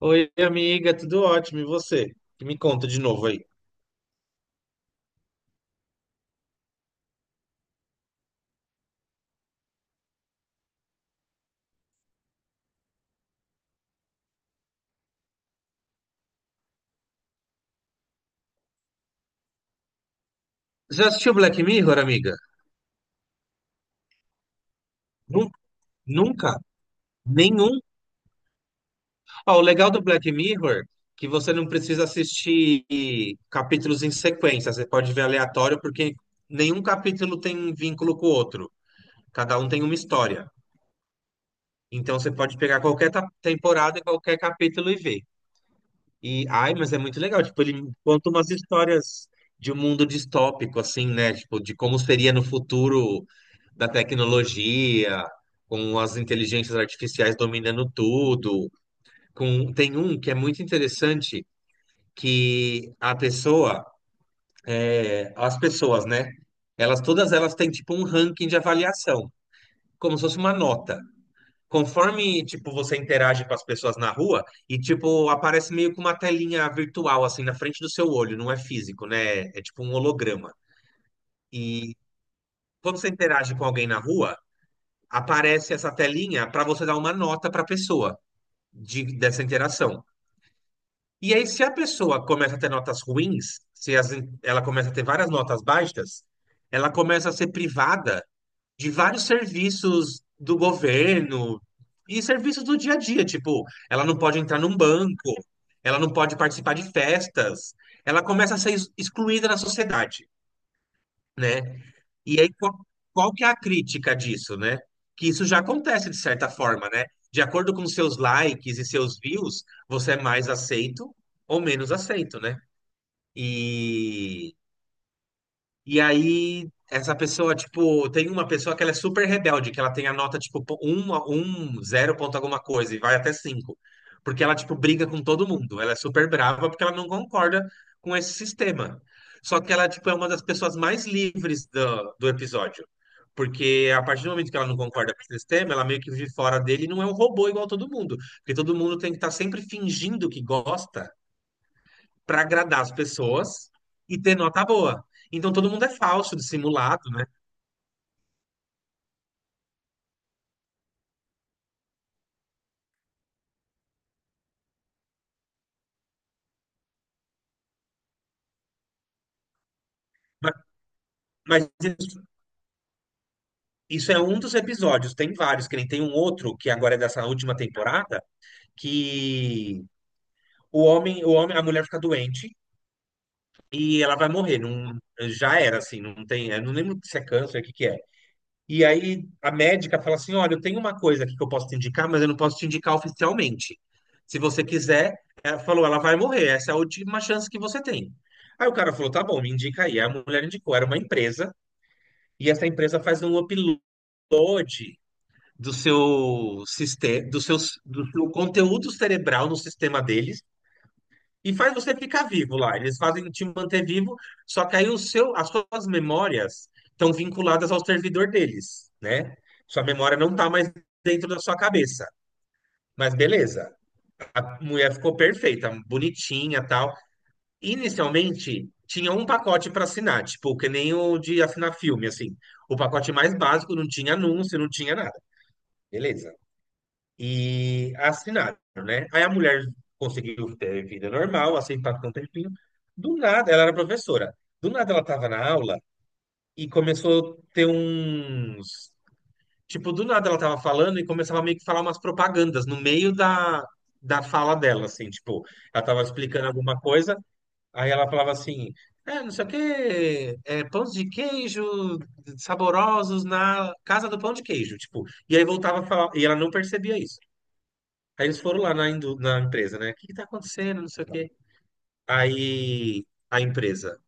Oi, amiga, tudo ótimo. E você? Que Me conta de novo aí. Já assistiu Black Mirror, amiga? Nun- Nunca? Nenhum? Ó, o legal do Black Mirror é que você não precisa assistir capítulos em sequência. Você pode ver aleatório, porque nenhum capítulo tem vínculo com o outro. Cada um tem uma história. Então você pode pegar qualquer temporada e qualquer capítulo e ver. Mas é muito legal. Tipo, ele conta umas histórias de um mundo distópico, assim, né? Tipo, de como seria no futuro da tecnologia, com as inteligências artificiais dominando tudo. Tem um que é muito interessante, que as pessoas, né? Elas, todas elas têm, tipo, um ranking de avaliação, como se fosse uma nota. Conforme, tipo, você interage com as pessoas na rua e, tipo, aparece meio que uma telinha virtual, assim, na frente do seu olho, não é físico, né? É tipo um holograma. E quando você interage com alguém na rua, aparece essa telinha para você dar uma nota para a pessoa dessa interação. E aí, se a pessoa começa a ter notas ruins, se as- ela começa a ter várias notas baixas, ela começa a ser privada de vários serviços do governo e serviços do dia a dia. Tipo, ela não pode entrar num banco, ela não pode participar de festas, ela começa a ser excluída na sociedade, né? E aí, qual que é a crítica disso, né? Que isso já acontece de certa forma, né? De acordo com seus likes e seus views, você é mais aceito ou menos aceito, né? E e aí, essa pessoa, tipo, tem uma pessoa que ela é super rebelde, que ela tem a nota, tipo, um, zero ponto alguma coisa, e vai até cinco. Porque ela, tipo, briga com todo mundo. Ela é super brava porque ela não concorda com esse sistema. Só que ela, tipo, é uma das pessoas mais livres do episódio. Porque a partir do momento que ela não concorda com esse sistema, ela meio que vive fora dele e não é um robô igual todo mundo. Porque todo mundo tem que estar sempre fingindo que gosta para agradar as pessoas e ter nota boa. Então todo mundo é falso, dissimulado, né? Ma- Mas, isso, isso é um dos episódios, tem vários, que nem tem um outro, que agora é dessa última temporada, que a mulher fica doente e ela vai morrer. Não, já era, assim, não tem. Eu não lembro se é câncer, o que que é. E aí a médica fala assim: olha, eu tenho uma coisa aqui que eu posso te indicar, mas eu não posso te indicar oficialmente. Se você quiser, ela falou, ela vai morrer, essa é a última chance que você tem. Aí o cara falou: tá bom, me indica aí. Aí a mulher indicou, era uma empresa, e essa empresa faz um upload do seu sistema, do seu conteúdo cerebral no sistema deles e faz você ficar vivo lá. Eles fazem te manter vivo, só que aí as suas memórias estão vinculadas ao servidor deles, né? Sua memória não tá mais dentro da sua cabeça. Mas beleza, a mulher ficou perfeita, bonitinha, tal. Inicialmente tinha um pacote para assinar, tipo, que nem o de assinar filme, assim. O pacote mais básico não tinha anúncio, não tinha nada. Beleza. E assinaram, né? Aí a mulher conseguiu ter vida normal, assim, passou um tempinho. Do nada, ela era professora. Do nada ela estava na aula e começou a ter uns. Tipo, do nada ela estava falando e começava meio que falar umas propagandas no meio da fala dela, assim, tipo, ela estava explicando alguma coisa, aí ela falava assim. Não sei o quê, pães de queijo saborosos na casa do pão de queijo, tipo, e aí voltava a falar, e ela não percebia isso. Aí eles foram lá na empresa, né? O que que tá acontecendo? Não sei o quê. Aí a empresa,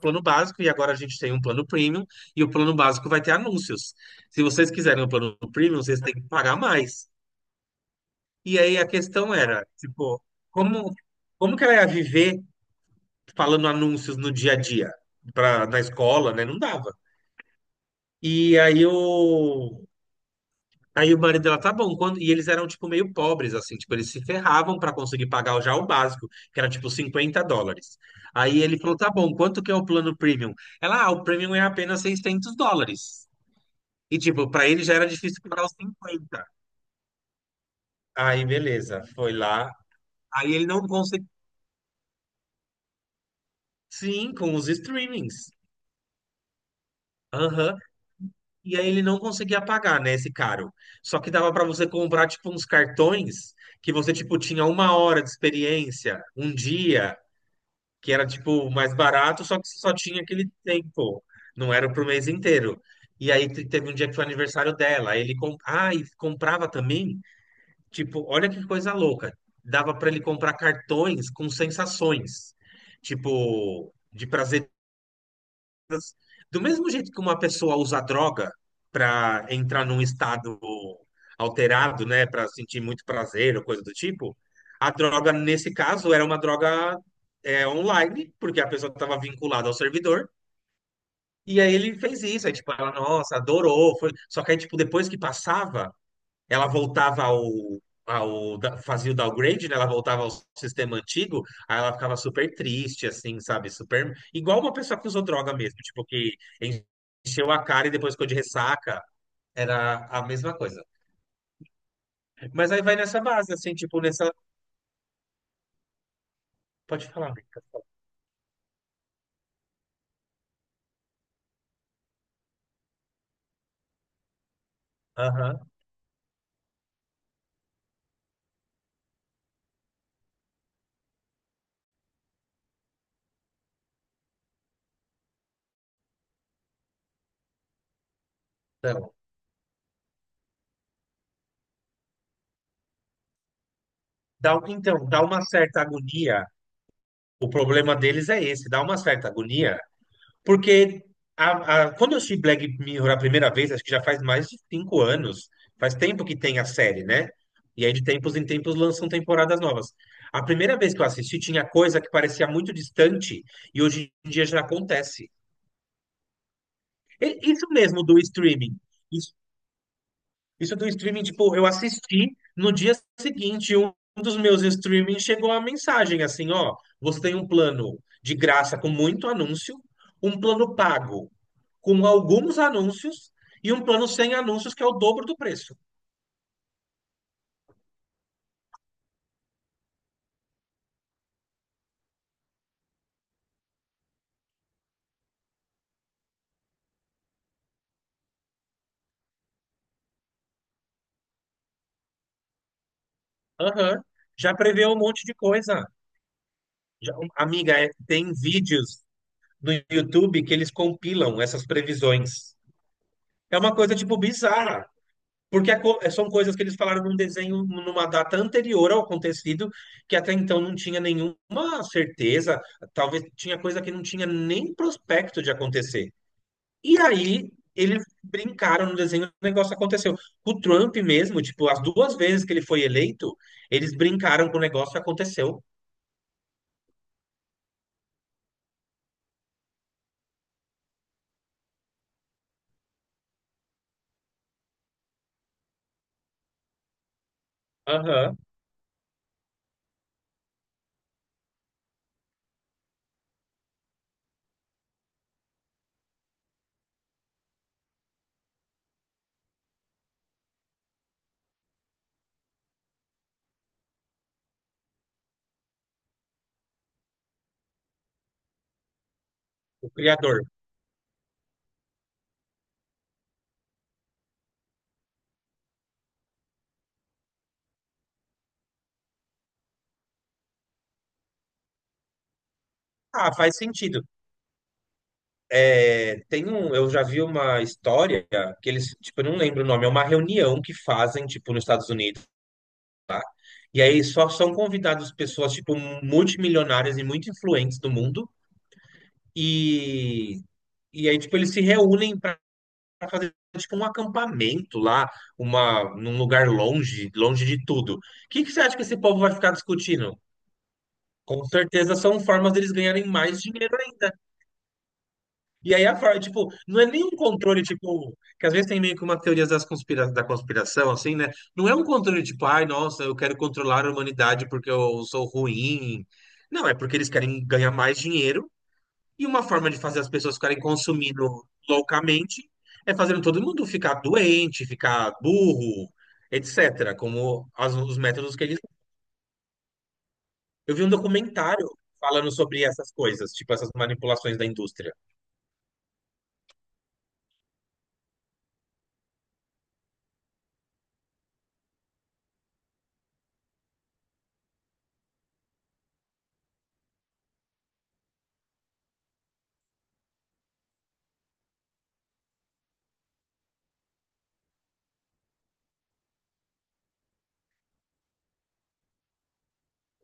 plano básico, e agora a gente tem um plano premium, e o plano básico vai ter anúncios. Se vocês quiserem o plano premium, vocês têm que pagar mais. E aí a questão era, tipo, como, como que ela ia viver falando anúncios no dia a dia? Pra, na escola, né? Não dava. E aí o, Aí o marido dela, tá bom, quando... e eles eram, tipo, meio pobres, assim, tipo, eles se ferravam para conseguir pagar já o básico, que era, tipo, US$ 50. Aí ele falou, tá bom, quanto que é o plano premium? Ela, ah, o premium é apenas US$ 600. E, tipo, para ele já era difícil pagar os 50. Aí, beleza, foi lá. Aí ele não conseguiu, sim, com os streamings. Aham. E aí ele não conseguia pagar, né, esse caro. Só que dava para você comprar, tipo, uns cartões que você, tipo, tinha uma hora de experiência, um dia. Que era tipo mais barato, só que só tinha aquele tempo, não era pro mês inteiro. E aí teve um dia que foi aniversário dela, aí ele com... ah, e comprava também, tipo, olha que coisa louca, dava para ele comprar cartões com sensações, tipo, de prazer do mesmo jeito que uma pessoa usa droga para entrar num estado alterado, né, para sentir muito prazer ou coisa do tipo, a droga nesse caso era uma droga online, porque a pessoa estava vinculada ao servidor. E aí ele fez isso, aí tipo, ela, nossa, adorou, foi... Só que aí, tipo, depois que passava, ela voltava ao, ao fazia o downgrade, né? Ela voltava ao sistema antigo, aí ela ficava super triste, assim, sabe? Super igual uma pessoa que usou droga mesmo, tipo que encheu a cara e depois ficou de ressaca, era a mesma coisa. Mas aí vai nessa base, assim, tipo nessa, pode falar. Amigo. Aham. Então, então, dá uma certa agonia. O problema deles é esse, dá uma certa agonia. Porque quando eu assisti Black Mirror a primeira vez, acho que já faz mais de 5 anos. Faz tempo que tem a série, né? E aí, de tempos em tempos, lançam temporadas novas. A primeira vez que eu assisti, tinha coisa que parecia muito distante e hoje em dia já acontece. Isso mesmo do streaming. Isso do streaming, tipo, eu assisti no dia seguinte, um dos meus streamings chegou a mensagem assim, ó, você tem um plano de graça com muito anúncio, um plano pago com alguns anúncios e um plano sem anúncios que é o dobro do preço. Aham. Já prevê um monte de coisa. Amiga, tem vídeos no YouTube que eles compilam essas previsões. É uma coisa tipo bizarra. Porque são coisas que eles falaram num desenho, numa data anterior ao acontecido, que até então não tinha nenhuma certeza, talvez tinha coisa que não tinha nem prospecto de acontecer. E aí eles brincaram no desenho, o negócio aconteceu. O Trump mesmo, tipo, as duas vezes que ele foi eleito, eles brincaram com o negócio e aconteceu. Aham, o criador. Ah, faz sentido. É, tem um, eu já vi uma história que eles, tipo, eu não lembro o nome, é uma reunião que fazem, tipo, nos Estados Unidos. E aí só são convidadas pessoas, tipo, multimilionárias e muito influentes do mundo. E, e aí, tipo, eles se reúnem para fazer, tipo, um acampamento lá, uma, num lugar longe, longe de tudo. O que que você acha que esse povo vai ficar discutindo? Com certeza são formas deles ganharem mais dinheiro. E aí a Freud, tipo, não é nem um controle, tipo, que às vezes tem meio que uma teoria das conspira da conspiração, assim, né? Não é um controle tipo, ai, nossa, eu quero controlar a humanidade porque eu sou ruim. Não, é porque eles querem ganhar mais dinheiro e uma forma de fazer as pessoas ficarem consumindo loucamente é fazendo todo mundo ficar doente, ficar burro, etc., como os métodos que eles. Eu vi um documentário falando sobre essas coisas, tipo, essas manipulações da indústria.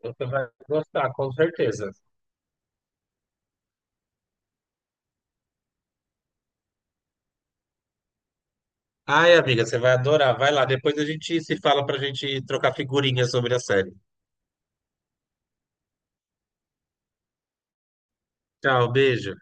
Você vai gostar, com certeza. Ai, amiga, você vai adorar. Vai lá, depois a gente se fala pra gente trocar figurinhas sobre a série. Tchau, beijo.